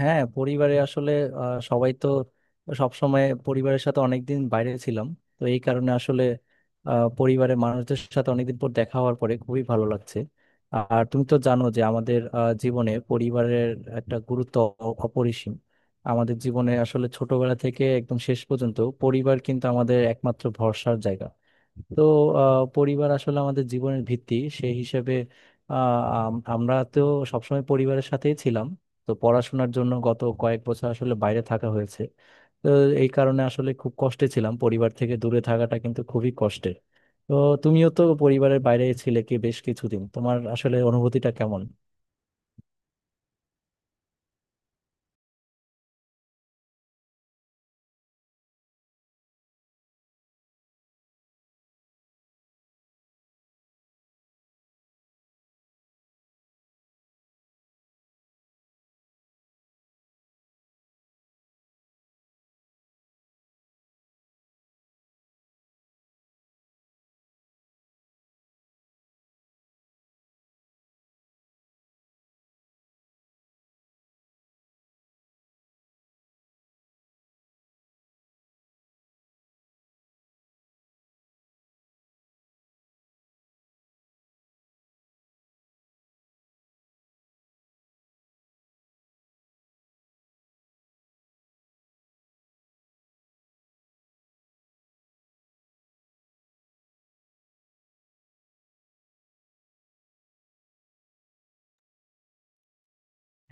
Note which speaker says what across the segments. Speaker 1: হ্যাঁ, পরিবারে আসলে সবাই তো সবসময় পরিবারের সাথে অনেকদিন বাইরে ছিলাম। তো এই কারণে আসলে পরিবারের মানুষদের সাথে অনেকদিন পর দেখা হওয়ার পরে খুবই ভালো লাগছে। আর তুমি তো জানো যে আমাদের জীবনে পরিবারের একটা গুরুত্ব অপরিসীম। আমাদের জীবনে আসলে ছোটবেলা থেকে একদম শেষ পর্যন্ত পরিবার কিন্তু আমাদের একমাত্র ভরসার জায়গা। তো পরিবার আসলে আমাদের জীবনের ভিত্তি। সেই হিসেবে আমরা তো সবসময় পরিবারের সাথেই ছিলাম। তো পড়াশোনার জন্য গত কয়েক বছর আসলে বাইরে থাকা হয়েছে। তো এই কারণে আসলে খুব কষ্টে ছিলাম, পরিবার থেকে দূরে থাকাটা কিন্তু খুবই কষ্টের। তো তুমিও তো পরিবারের বাইরে ছিলে কি বেশ কিছুদিন, তোমার আসলে অনুভূতিটা কেমন?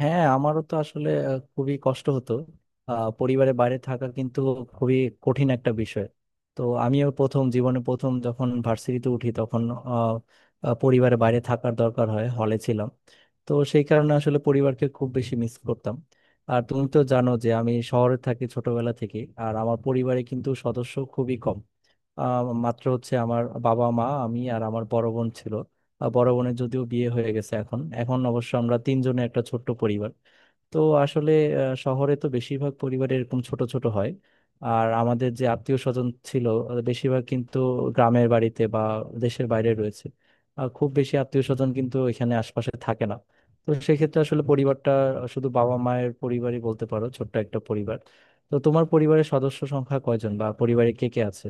Speaker 1: হ্যাঁ, আমারও তো আসলে খুবই কষ্ট হতো। পরিবারের বাইরে থাকা কিন্তু খুবই কঠিন একটা বিষয়। তো আমিও প্রথম জীবনে প্রথম যখন ভার্সিটিতে উঠি তখন আহ, আহ, পরিবারের বাইরে থাকার দরকার হয়, হলে ছিলাম। তো সেই কারণে আসলে পরিবারকে খুব বেশি মিস করতাম। আর তুমি তো জানো যে আমি শহরে থাকি ছোটবেলা থেকে। আর আমার পরিবারে কিন্তু সদস্য খুবই কম। মাত্র হচ্ছে আমার বাবা, মা, আমি আর আমার বড় বোন ছিল। বড় বোনের যদিও বিয়ে হয়ে গেছে, এখন এখন অবশ্য আমরা তিনজনে একটা ছোট্ট পরিবার। তো আসলে শহরে তো বেশিরভাগ পরিবার এরকম ছোট ছোট হয়। আর আমাদের যে আত্মীয় স্বজন ছিল বেশিরভাগ কিন্তু গ্রামের বাড়িতে বা দেশের বাইরে রয়েছে। আর খুব বেশি আত্মীয় স্বজন কিন্তু এখানে আশপাশে থাকে না। তো সেক্ষেত্রে আসলে পরিবারটা শুধু বাবা মায়ের পরিবারই বলতে পারো, ছোট্ট একটা পরিবার। তো তোমার পরিবারের সদস্য সংখ্যা কয়জন বা পরিবারে কে কে আছে?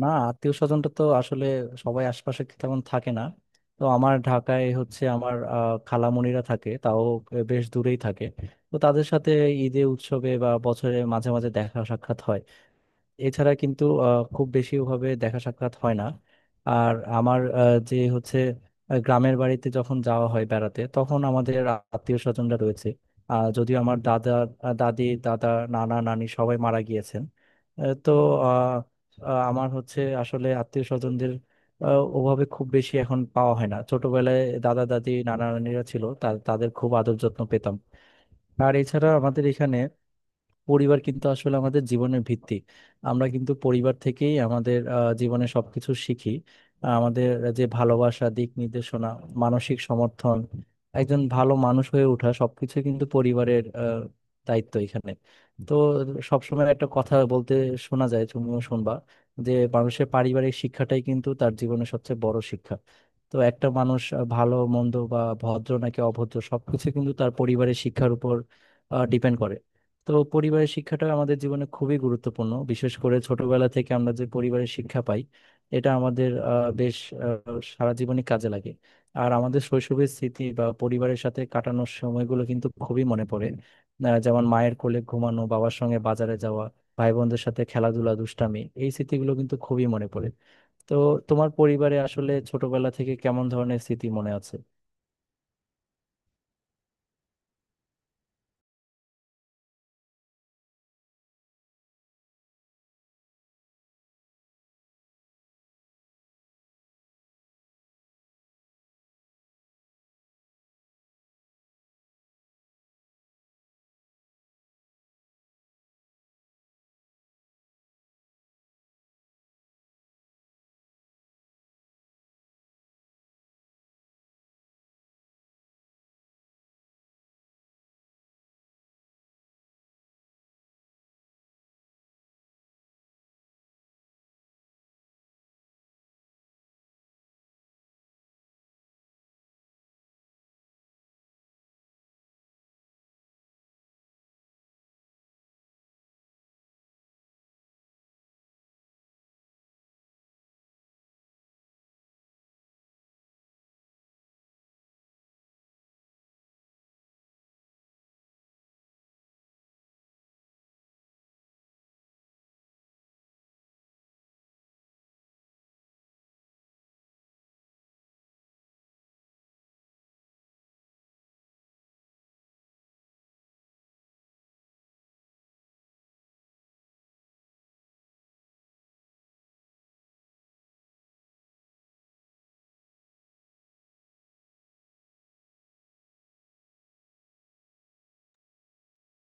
Speaker 1: না, আত্মীয় স্বজনটা তো আসলে সবাই আশপাশে তেমন থাকে না। তো আমার ঢাকায় হচ্ছে আমার খালামণিরা থাকে, তাও বেশ দূরেই থাকে। তো তাদের সাথে ঈদে উৎসবে বা বছরে মাঝে মাঝে দেখা সাক্ষাৎ হয়। এছাড়া কিন্তু খুব বেশি ওভাবে দেখা সাক্ষাৎ হয় না। আর আমার যে হচ্ছে গ্রামের বাড়িতে যখন যাওয়া হয় বেড়াতে তখন আমাদের আত্মীয় স্বজনরা রয়েছে। যদিও আমার দাদা দাদি, দাদা, নানা, নানি সবাই মারা গিয়েছেন। আহ, তো আহ, আহ, আমার হচ্ছে আসলে আত্মীয় স্বজনদের ওভাবে খুব বেশি এখন পাওয়া হয় না। ছোটবেলায় দাদা দাদি নানা নানিরা ছিল, তাদের খুব আদর যত্ন পেতাম। আর এছাড়া আমাদের এখানে পরিবার কিন্তু আসলে আমাদের জীবনের ভিত্তি। আমরা কিন্তু পরিবার থেকেই আমাদের জীবনে সবকিছু শিখি। আমাদের যে ভালোবাসা, দিক নির্দেশনা, মানসিক সমর্থন, একজন ভালো মানুষ হয়ে ওঠা, সবকিছু কিন্তু পরিবারের দায়িত্ব এখানে। তো সবসময় একটা কথা বলতে শোনা যায়, তুমিও শুনবা, যে মানুষের পারিবারিক শিক্ষাটাই কিন্তু তার জীবনের সবচেয়ে বড় শিক্ষা। তো একটা মানুষ ভালো মন্দ বা ভদ্র নাকি অভদ্র সবকিছু কিন্তু তার পরিবারের শিক্ষার উপর ডিপেন্ড করে। তো পরিবারের শিক্ষাটা আমাদের জীবনে খুবই গুরুত্বপূর্ণ, বিশেষ করে ছোটবেলা থেকে আমরা যে পরিবারের শিক্ষা পাই এটা আমাদের আহ, সারা জীবনই কাজে লাগে। আর আমাদের শৈশবের স্মৃতি বা পরিবারের সাথে কাটানোর সময়গুলো কিন্তু খুবই মনে পড়ে। যেমন মায়ের কোলে ঘুমানো, বাবার সঙ্গে বাজারে যাওয়া, ভাই বোনদের সাথে খেলাধুলা, দুষ্টামি, এই স্মৃতিগুলো কিন্তু খুবই মনে পড়ে। তো তোমার পরিবারে আসলে ছোটবেলা থেকে কেমন ধরনের স্মৃতি মনে আছে?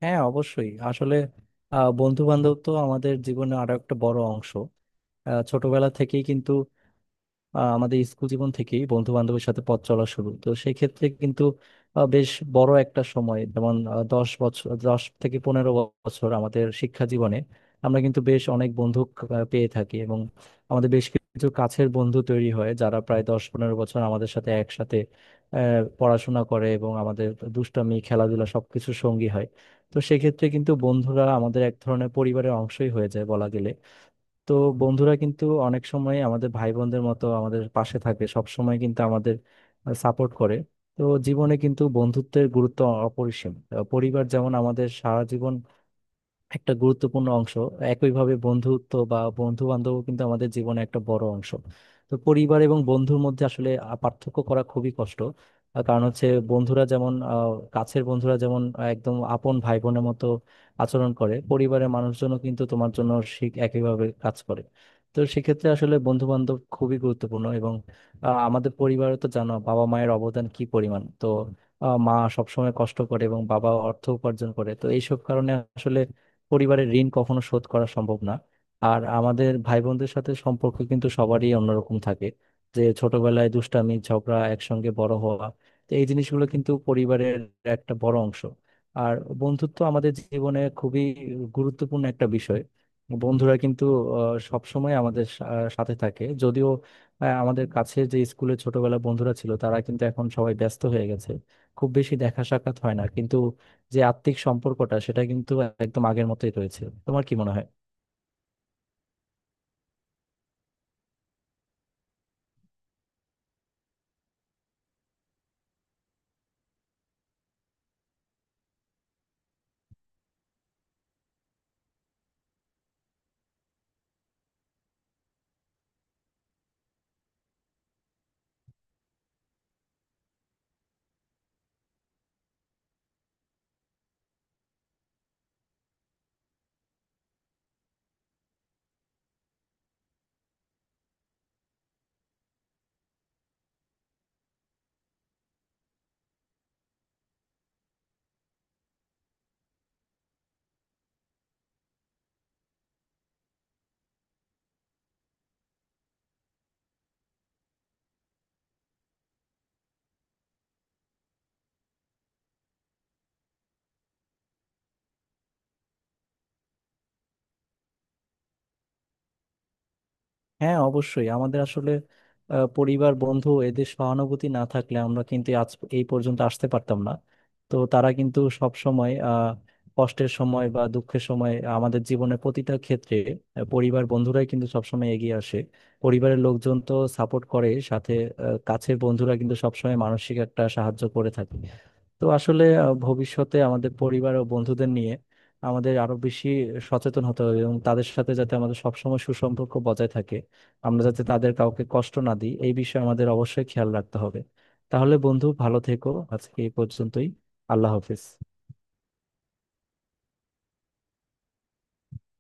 Speaker 1: হ্যাঁ, অবশ্যই। আসলে বন্ধু বান্ধব তো আমাদের জীবনে আরো একটা বড় অংশ। ছোটবেলা থেকেই কিন্তু আমাদের স্কুল জীবন থেকেই বন্ধু বান্ধবের সাথে পথ চলা শুরু। তো সেই ক্ষেত্রে কিন্তু বেশ বড় একটা সময়, যেমন 10 বছর, 10 থেকে 15 বছর আমাদের শিক্ষা জীবনে আমরা কিন্তু বেশ অনেক বন্ধু পেয়ে থাকি এবং আমাদের বেশ কিছু কাছের বন্ধু তৈরি হয় যারা প্রায় 10-15 বছর আমাদের সাথে একসাথে পড়াশোনা করে এবং আমাদের দুষ্টামি, খেলাধুলা সবকিছু সঙ্গী হয়। তো সেক্ষেত্রে কিন্তু বন্ধুরা আমাদের এক ধরনের পরিবারের অংশই হয়ে যায় বলা গেলে। তো বন্ধুরা কিন্তু অনেক সময় আমাদের ভাই বোনদের মতো আমাদের পাশে থাকে, সব সময় কিন্তু আমাদের সাপোর্ট করে। তো জীবনে কিন্তু বন্ধুত্বের গুরুত্ব অপরিসীম। পরিবার যেমন আমাদের সারা জীবন একটা গুরুত্বপূর্ণ অংশ, একইভাবে বন্ধুত্ব বা বন্ধু বান্ধব কিন্তু আমাদের জীবনে একটা বড় অংশ। তো পরিবার এবং বন্ধুর মধ্যে আসলে পার্থক্য করা খুবই কষ্ট। কারণ হচ্ছে বন্ধুরা যেমন কাছের বন্ধুরা যেমন একদম আপন ভাই বোনের মতো আচরণ করে, পরিবারের মানুষজনও কিন্তু তোমার জন্য ঠিক একইভাবে কাজ করে। তো সেক্ষেত্রে আসলে বন্ধু বান্ধব খুবই গুরুত্বপূর্ণ। এবং আমাদের পরিবারে তো জানো বাবা মায়ের অবদান কি পরিমাণ। তো মা সবসময় কষ্ট করে এবং বাবা অর্থ উপার্জন করে। তো এইসব কারণে আসলে পরিবারের ঋণ কখনো শোধ করা সম্ভব না। আর আমাদের ভাই বোনদের সাথে সম্পর্ক কিন্তু সবারই অন্যরকম থাকে, যে ছোটবেলায় দুষ্টামি, ঝগড়া, একসঙ্গে বড় হওয়া। তো এই জিনিসগুলো কিন্তু পরিবারের একটা বড় অংশ। আর বন্ধুত্ব আমাদের জীবনে খুবই গুরুত্বপূর্ণ একটা বিষয়। বন্ধুরা কিন্তু সব সময় আমাদের সাথে থাকে, যদিও আমাদের কাছে যে স্কুলে ছোটবেলা বন্ধুরা ছিল তারা কিন্তু এখন সবাই ব্যস্ত হয়ে গেছে, খুব বেশি দেখা সাক্ষাৎ হয় না। কিন্তু যে আত্মিক সম্পর্কটা সেটা কিন্তু একদম আগের মতোই রয়েছে। তোমার কি মনে হয়? হ্যাঁ, অবশ্যই। আমাদের আসলে পরিবার, বন্ধু, এদের সহানুভূতি না থাকলে আমরা কিন্তু আজ এই পর্যন্ত আসতে পারতাম না। তো তারা কিন্তু সব সময় কষ্টের সময় বা দুঃখের সময় আমাদের জীবনের প্রতিটা ক্ষেত্রে পরিবার, বন্ধুরাই কিন্তু সবসময় এগিয়ে আসে। পরিবারের লোকজন তো সাপোর্ট করে, সাথে কাছের বন্ধুরা কিন্তু সবসময় মানসিক একটা সাহায্য করে থাকে। তো আসলে ভবিষ্যতে আমাদের পরিবার ও বন্ধুদের নিয়ে আমাদের আরো বেশি সচেতন হতে হবে এবং তাদের সাথে যাতে আমাদের সবসময় সুসম্পর্ক বজায় থাকে, আমরা যাতে তাদের কাউকে কষ্ট না দিই, এই বিষয়ে আমাদের অবশ্যই খেয়াল রাখতে হবে। তাহলে বন্ধু, ভালো থেকো। আজকে এই পর্যন্তই। আল্লাহ হাফেজ।